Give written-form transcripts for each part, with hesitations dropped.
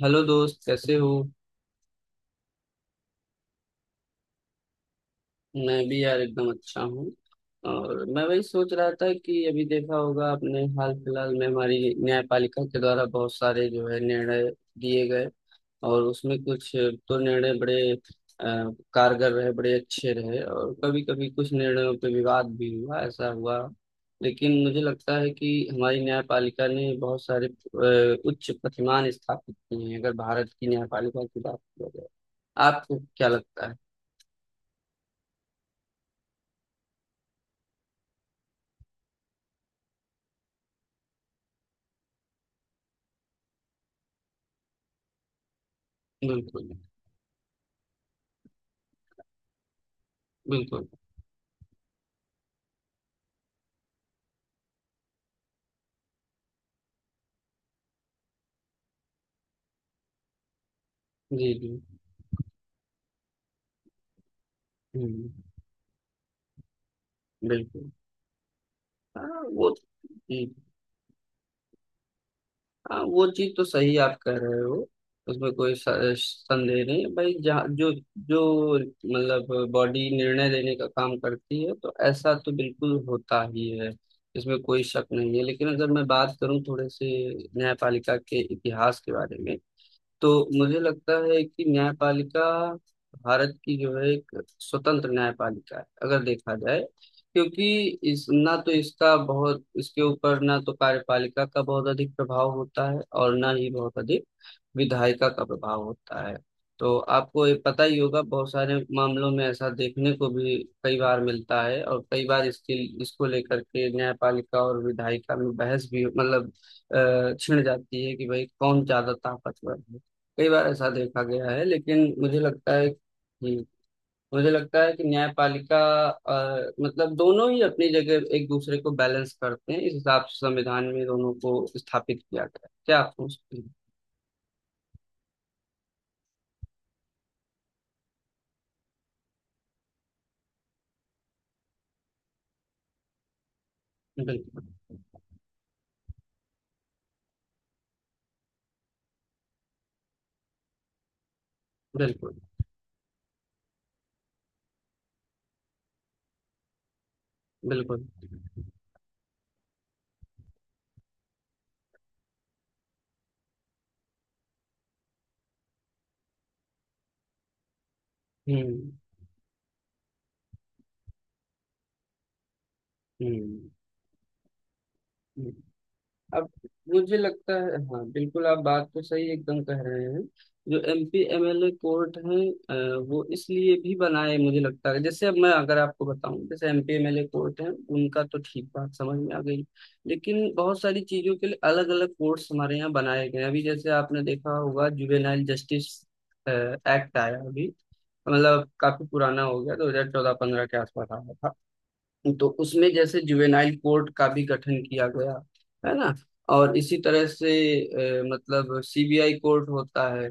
Hello दोस्त, कैसे हो? मैं भी यार एकदम अच्छा हूँ। और मैं वही सोच रहा था कि अभी देखा होगा आपने, हाल फिलहाल में हमारी न्यायपालिका के द्वारा बहुत सारे जो है निर्णय दिए गए, और उसमें कुछ तो निर्णय बड़े अ, कारगर रहे, बड़े अच्छे रहे, और कभी कभी कुछ निर्णयों पे विवाद भी हुआ, ऐसा हुआ। लेकिन मुझे लगता है कि हमारी न्यायपालिका ने बहुत सारे उच्च प्रतिमान स्थापित किए हैं, अगर भारत की न्यायपालिका की बात की जाए। आपको क्या लगता है? बिल्कुल। बिल्कुल। जी जी। हम्म। बिल्कुल। हाँ, वो, जी। हाँ, वो चीज तो सही आप कह रहे हो, उसमें कोई संदेह नहीं है भाई। जहाँ जो जो मतलब बॉडी निर्णय लेने का काम करती है तो ऐसा तो बिल्कुल होता ही है, इसमें कोई शक नहीं है। लेकिन अगर मैं बात करूं थोड़े से न्यायपालिका के इतिहास के बारे में, तो मुझे लगता है कि न्यायपालिका भारत की जो है एक स्वतंत्र न्यायपालिका है, अगर देखा जाए। क्योंकि इस ना तो इसका बहुत, इसके ऊपर ना तो कार्यपालिका का बहुत अधिक प्रभाव होता है और ना ही बहुत अधिक विधायिका का प्रभाव होता है। तो आपको ये पता ही होगा, बहुत सारे मामलों में ऐसा देखने को भी कई बार मिलता है, और कई बार इसके, इसको लेकर के न्यायपालिका और विधायिका में बहस भी मतलब छिड़ जाती है कि भाई कौन ज्यादा ताकतवर है, कई बार ऐसा देखा गया है। लेकिन मुझे लगता है कि न्यायपालिका मतलब दोनों ही अपनी जगह एक दूसरे को बैलेंस करते हैं, इस हिसाब से संविधान में दोनों को स्थापित किया गया है। क्या आप सोचते हैं? बिल्कुल। बिल्कुल। बिल्कुल। हम्म। हम्म। हम्म। अब मुझे लगता है, हाँ बिल्कुल आप बात तो सही एकदम कह रहे हैं। जो एमपी एमएलए कोर्ट हैं, वो इसलिए भी बनाए मुझे लगता है। जैसे अब मैं अगर आपको बताऊं, जैसे एमपी एमएलए कोर्ट हैं, उनका तो ठीक, बात समझ में आ गई। लेकिन बहुत सारी चीजों के लिए अलग अलग कोर्ट्स हमारे यहाँ बनाए गए हैं। अभी जैसे आपने देखा होगा जुवेनाइल जस्टिस एक्ट आया अभी, मतलब काफी पुराना हो गया, 2014-15 के आसपास आया था। तो उसमें जैसे जुवेनाइल कोर्ट का भी गठन किया गया, है ना। और इसी तरह से मतलब सीबीआई कोर्ट होता है।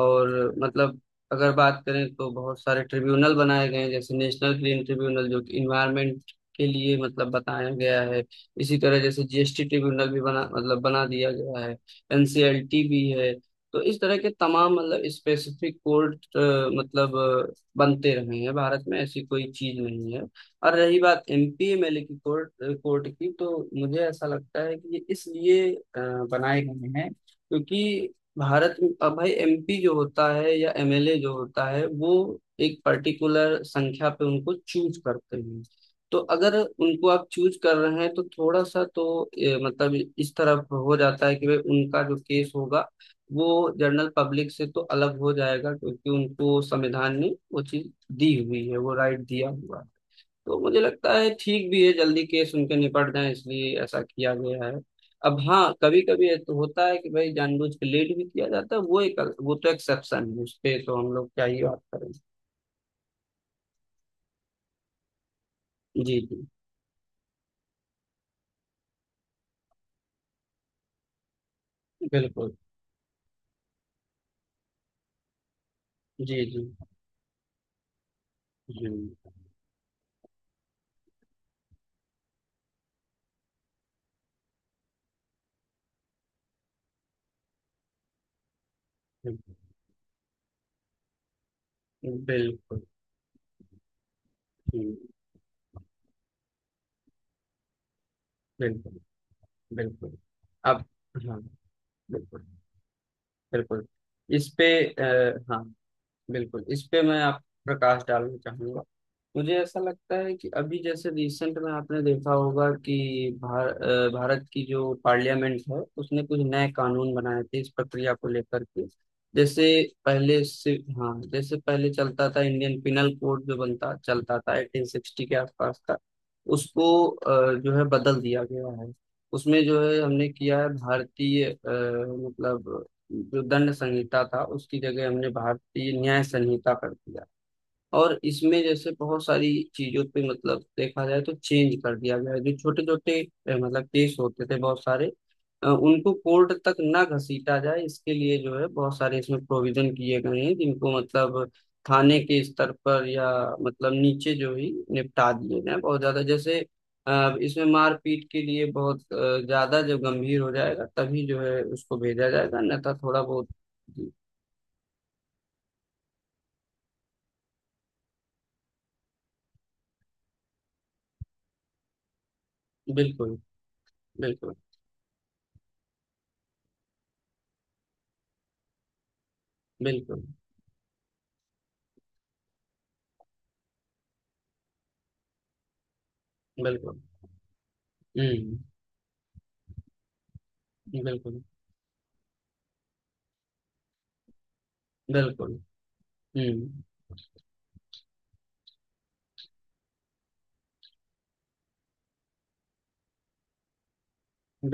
और मतलब अगर बात करें तो बहुत सारे ट्रिब्यूनल बनाए गए हैं, जैसे नेशनल ग्रीन ट्रिब्यूनल, जो कि इन्वायरमेंट के लिए मतलब बताया गया है। इसी तरह जैसे जीएसटी ट्रिब्यूनल भी बना, मतलब बना दिया गया है। एनसीएलटी भी है। तो इस तरह के तमाम मतलब स्पेसिफिक कोर्ट मतलब बनते रहे हैं भारत में, ऐसी कोई चीज नहीं है। और रही बात एमपीएमएलए की कोर्ट कोर्ट की, तो मुझे ऐसा लगता है कि ये इसलिए बनाए गए हैं क्योंकि भारत में अब भाई एमपी जो होता है या एमएलए जो होता है, वो एक पर्टिकुलर संख्या पे उनको चूज करते हैं। तो अगर उनको आप चूज कर रहे हैं तो थोड़ा सा तो मतलब इस तरफ हो जाता है कि भाई उनका जो केस होगा वो जनरल पब्लिक से तो अलग हो जाएगा, क्योंकि उनको संविधान ने वो चीज दी हुई है, वो राइट दिया हुआ है। तो मुझे लगता है ठीक भी है, जल्दी केस उनके निपट जाए, इसलिए ऐसा किया गया है। अब हाँ, कभी कभी ये तो होता है कि भाई जानबूझ के लेट भी किया जाता है, वो एक, वो तो एक्सेप्शन है, उस पे तो हम लोग क्या ही बात करें। जी जी। बिल्कुल। जी जी। हम्म। हम्म। बिल्कुल। हम्म। बिल्कुल। बिल्कुल। अब हाँ, बिल्कुल, बिल्कुल इस पे आ, हाँ बिल्कुल इस पे मैं आप प्रकाश डालना चाहूंगा। मुझे ऐसा लगता है कि अभी जैसे रिसेंट में आपने देखा होगा कि भारत की जो पार्लियामेंट है उसने कुछ नए कानून बनाए थे इस प्रक्रिया को लेकर के। जैसे पहले से, हाँ जैसे पहले चलता था इंडियन पिनल कोड जो बनता चलता था 1860 के आसपास का, उसको जो है बदल दिया गया है। उसमें जो है हमने किया है भारतीय मतलब जो दंड संहिता था उसकी जगह हमने भारतीय न्याय संहिता कर दिया। और इसमें जैसे बहुत सारी चीजों पे मतलब देखा जाए तो चेंज कर दिया गया है। जो छोटे छोटे मतलब केस होते थे बहुत सारे, उनको कोर्ट तक ना घसीटा जाए, इसके लिए जो है बहुत सारे इसमें प्रोविजन किए गए हैं, जिनको मतलब थाने के स्तर पर या मतलब नीचे जो ही निपटा दिए गए हैं। बहुत ज्यादा जैसे इसमें मारपीट के लिए बहुत ज्यादा जब गंभीर हो जाएगा तभी जो है उसको भेजा जाएगा, नहीं तो थोड़ा बहुत। बिल्कुल। बिल्कुल। बिल्कुल। बिल्कुल। हम्म। बिल्कुल। बिल्कुल। हम्म।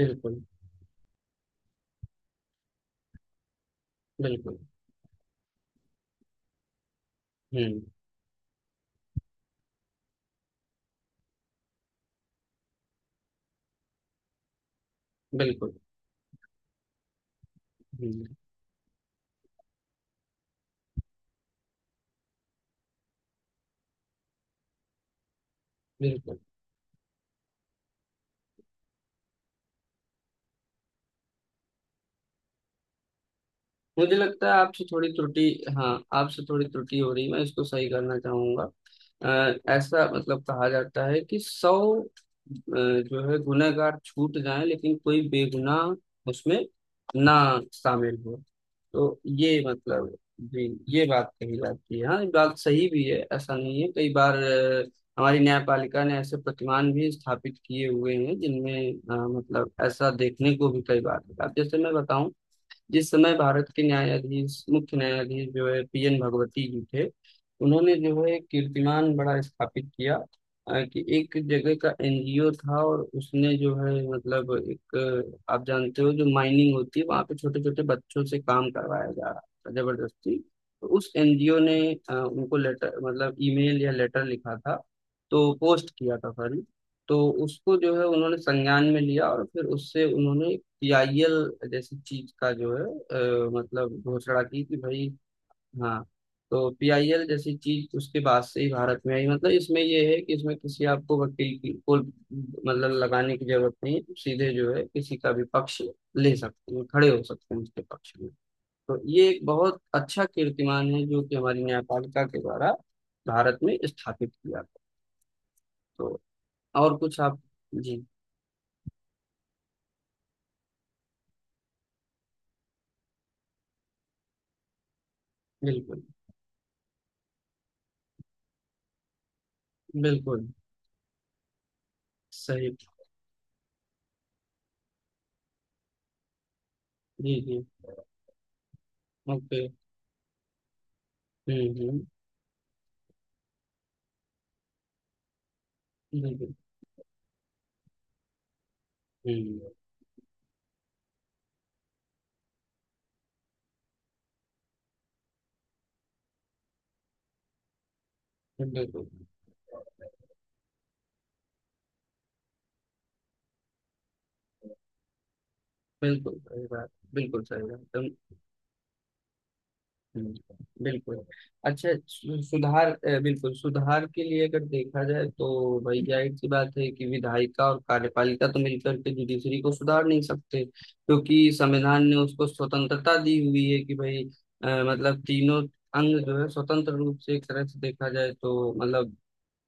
बिल्कुल। बिल्कुल। हम्म। बिल्कुल। हम्म। बिल्कुल। मुझे लगता है आपसे थोड़ी त्रुटि। हाँ, आपसे थोड़ी त्रुटि हो रही है, मैं इसको सही करना चाहूंगा। ऐसा मतलब कहा जाता है कि सौ जो है गुनहगार छूट जाए लेकिन कोई बेगुनाह उसमें ना शामिल हो। तो ये मतलब, जी, ये बात कही जाती है। हाँ, ये बात सही भी है, ऐसा नहीं है, कई बार हमारी न्यायपालिका ने ऐसे प्रतिमान भी स्थापित किए हुए हैं जिनमें मतलब ऐसा देखने को भी कई बार मिला। अब जैसे मैं बताऊं, जिस समय भारत के न्यायाधीश, मुख्य न्यायाधीश जो है PN भगवती जी थे, उन्होंने जो है कीर्तिमान बड़ा स्थापित किया। कि एक जगह का एनजीओ था और उसने जो है मतलब एक, आप जानते हो जो माइनिंग होती है वहां पे छोटे छोटे बच्चों से काम करवाया जा रहा था जबरदस्ती। तो उस एनजीओ ने उनको लेटर, मतलब ईमेल या लेटर लिखा था, तो पोस्ट किया था सॉरी। तो उसको जो है उन्होंने संज्ञान में लिया और फिर उससे उन्होंने पीआईएल जैसी चीज का जो है मतलब घोषणा की कि भाई, हाँ, तो पीआईएल जैसी चीज उसके बाद से ही भारत में आई। मतलब इसमें ये है कि इसमें किसी आपको वकील की को मतलब लगाने की जरूरत नहीं, सीधे जो है किसी का भी पक्ष ले सकते हैं, खड़े हो सकते हैं उसके पक्ष में। तो ये एक बहुत अच्छा कीर्तिमान है जो कि हमारी न्यायपालिका के द्वारा भारत में स्थापित किया गया। तो और कुछ आप? जी बिल्कुल। बिल्कुल सही। जी जी। ओके। हम्म। बिल्कुल। हम्म, बिल्कुल। बिल्कुल सही बात। बिल्कुल सही बात तुम। हम्म, बिल्कुल। अच्छा, सुधार, बिल्कुल सुधार के लिए अगर देखा जाए तो भाई जाहिर सी बात है कि विधायिका और कार्यपालिका तो मिलकर के जुडिशरी को सुधार नहीं सकते, क्योंकि संविधान ने उसको स्वतंत्रता दी हुई है कि भाई मतलब तीनों अंग जो है स्वतंत्र रूप से, एक तरह से देखा जाए तो मतलब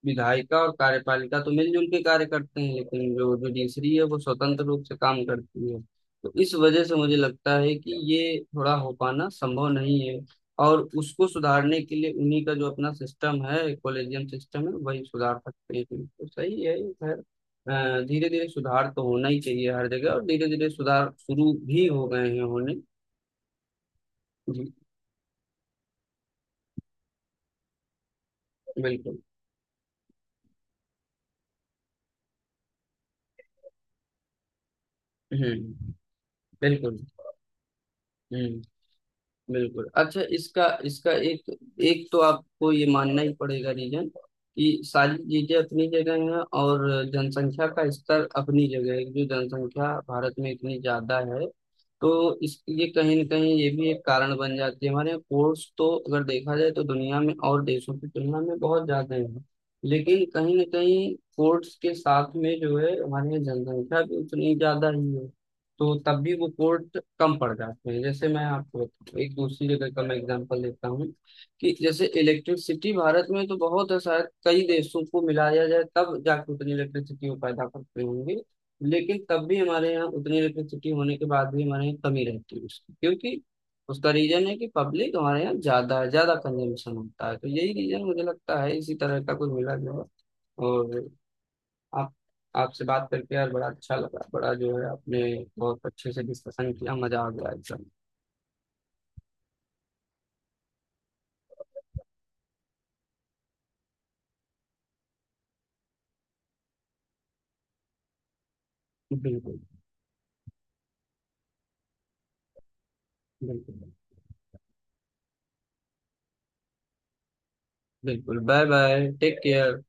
विधायिका और कार्यपालिका तो मिलजुल के कार्य करते हैं, लेकिन जो जुडिशरी है वो स्वतंत्र रूप से काम करती है। तो इस वजह से मुझे लगता है कि ये थोड़ा हो पाना संभव नहीं है। और उसको सुधारने के लिए उन्हीं का जो अपना सिस्टम है, कॉलेजियम सिस्टम है, वही सुधार सकते हैं। तो सही है। खैर, धीरे धीरे सुधार तो होना ही चाहिए हर जगह, और धीरे धीरे सुधार शुरू भी हो गए हैं होने। जी। बिल्कुल। हम्म। बिल्कुल। हम्म। बिल्कुल। अच्छा, इसका, इसका एक, एक तो आपको ये मानना ही पड़ेगा रीजन, कि सारी चीजें अपनी जगह हैं, और जनसंख्या का स्तर अपनी जगह है। जो जनसंख्या भारत में इतनी ज्यादा है, तो इस, ये कहीं ना कहीं ये भी एक कारण बन जाती है। हमारे यहाँ कोर्स तो अगर देखा जाए तो दुनिया में और देशों की तुलना में बहुत ज्यादा है, लेकिन कहीं ना कहीं कोर्ट्स के साथ में जो है हमारे यहाँ जनसंख्या भी उतनी ज्यादा ही है। तो तब भी वो कोर्ट कम पड़ जाते हैं। जैसे मैं आपको एक दूसरी जगह का मैं एग्जांपल लेता हूँ, कि जैसे इलेक्ट्रिसिटी भारत में तो बहुत है, शायद कई देशों को मिलाया जाए तब जाके उतनी इलेक्ट्रिसिटी वो पैदा करते होंगे। लेकिन तब भी हमारे यहाँ उतनी इलेक्ट्रिसिटी होने के बाद भी हमारे यहाँ कमी रहती है उसकी, क्योंकि उसका रीजन है कि पब्लिक हमारे यहाँ ज्यादा है, ज्यादा कंजम्पशन होता है। तो यही रीजन मुझे लगता है, इसी तरह का कुछ मिला जुला। और आप, आपसे बात करके यार बड़ा अच्छा लगा, बड़ा जो है आपने बहुत अच्छे से डिस्कशन किया, मजा आ गया एकदम। बिल्कुल, बिल्कुल। बिल्कुल, बाय बाय, टेक केयर।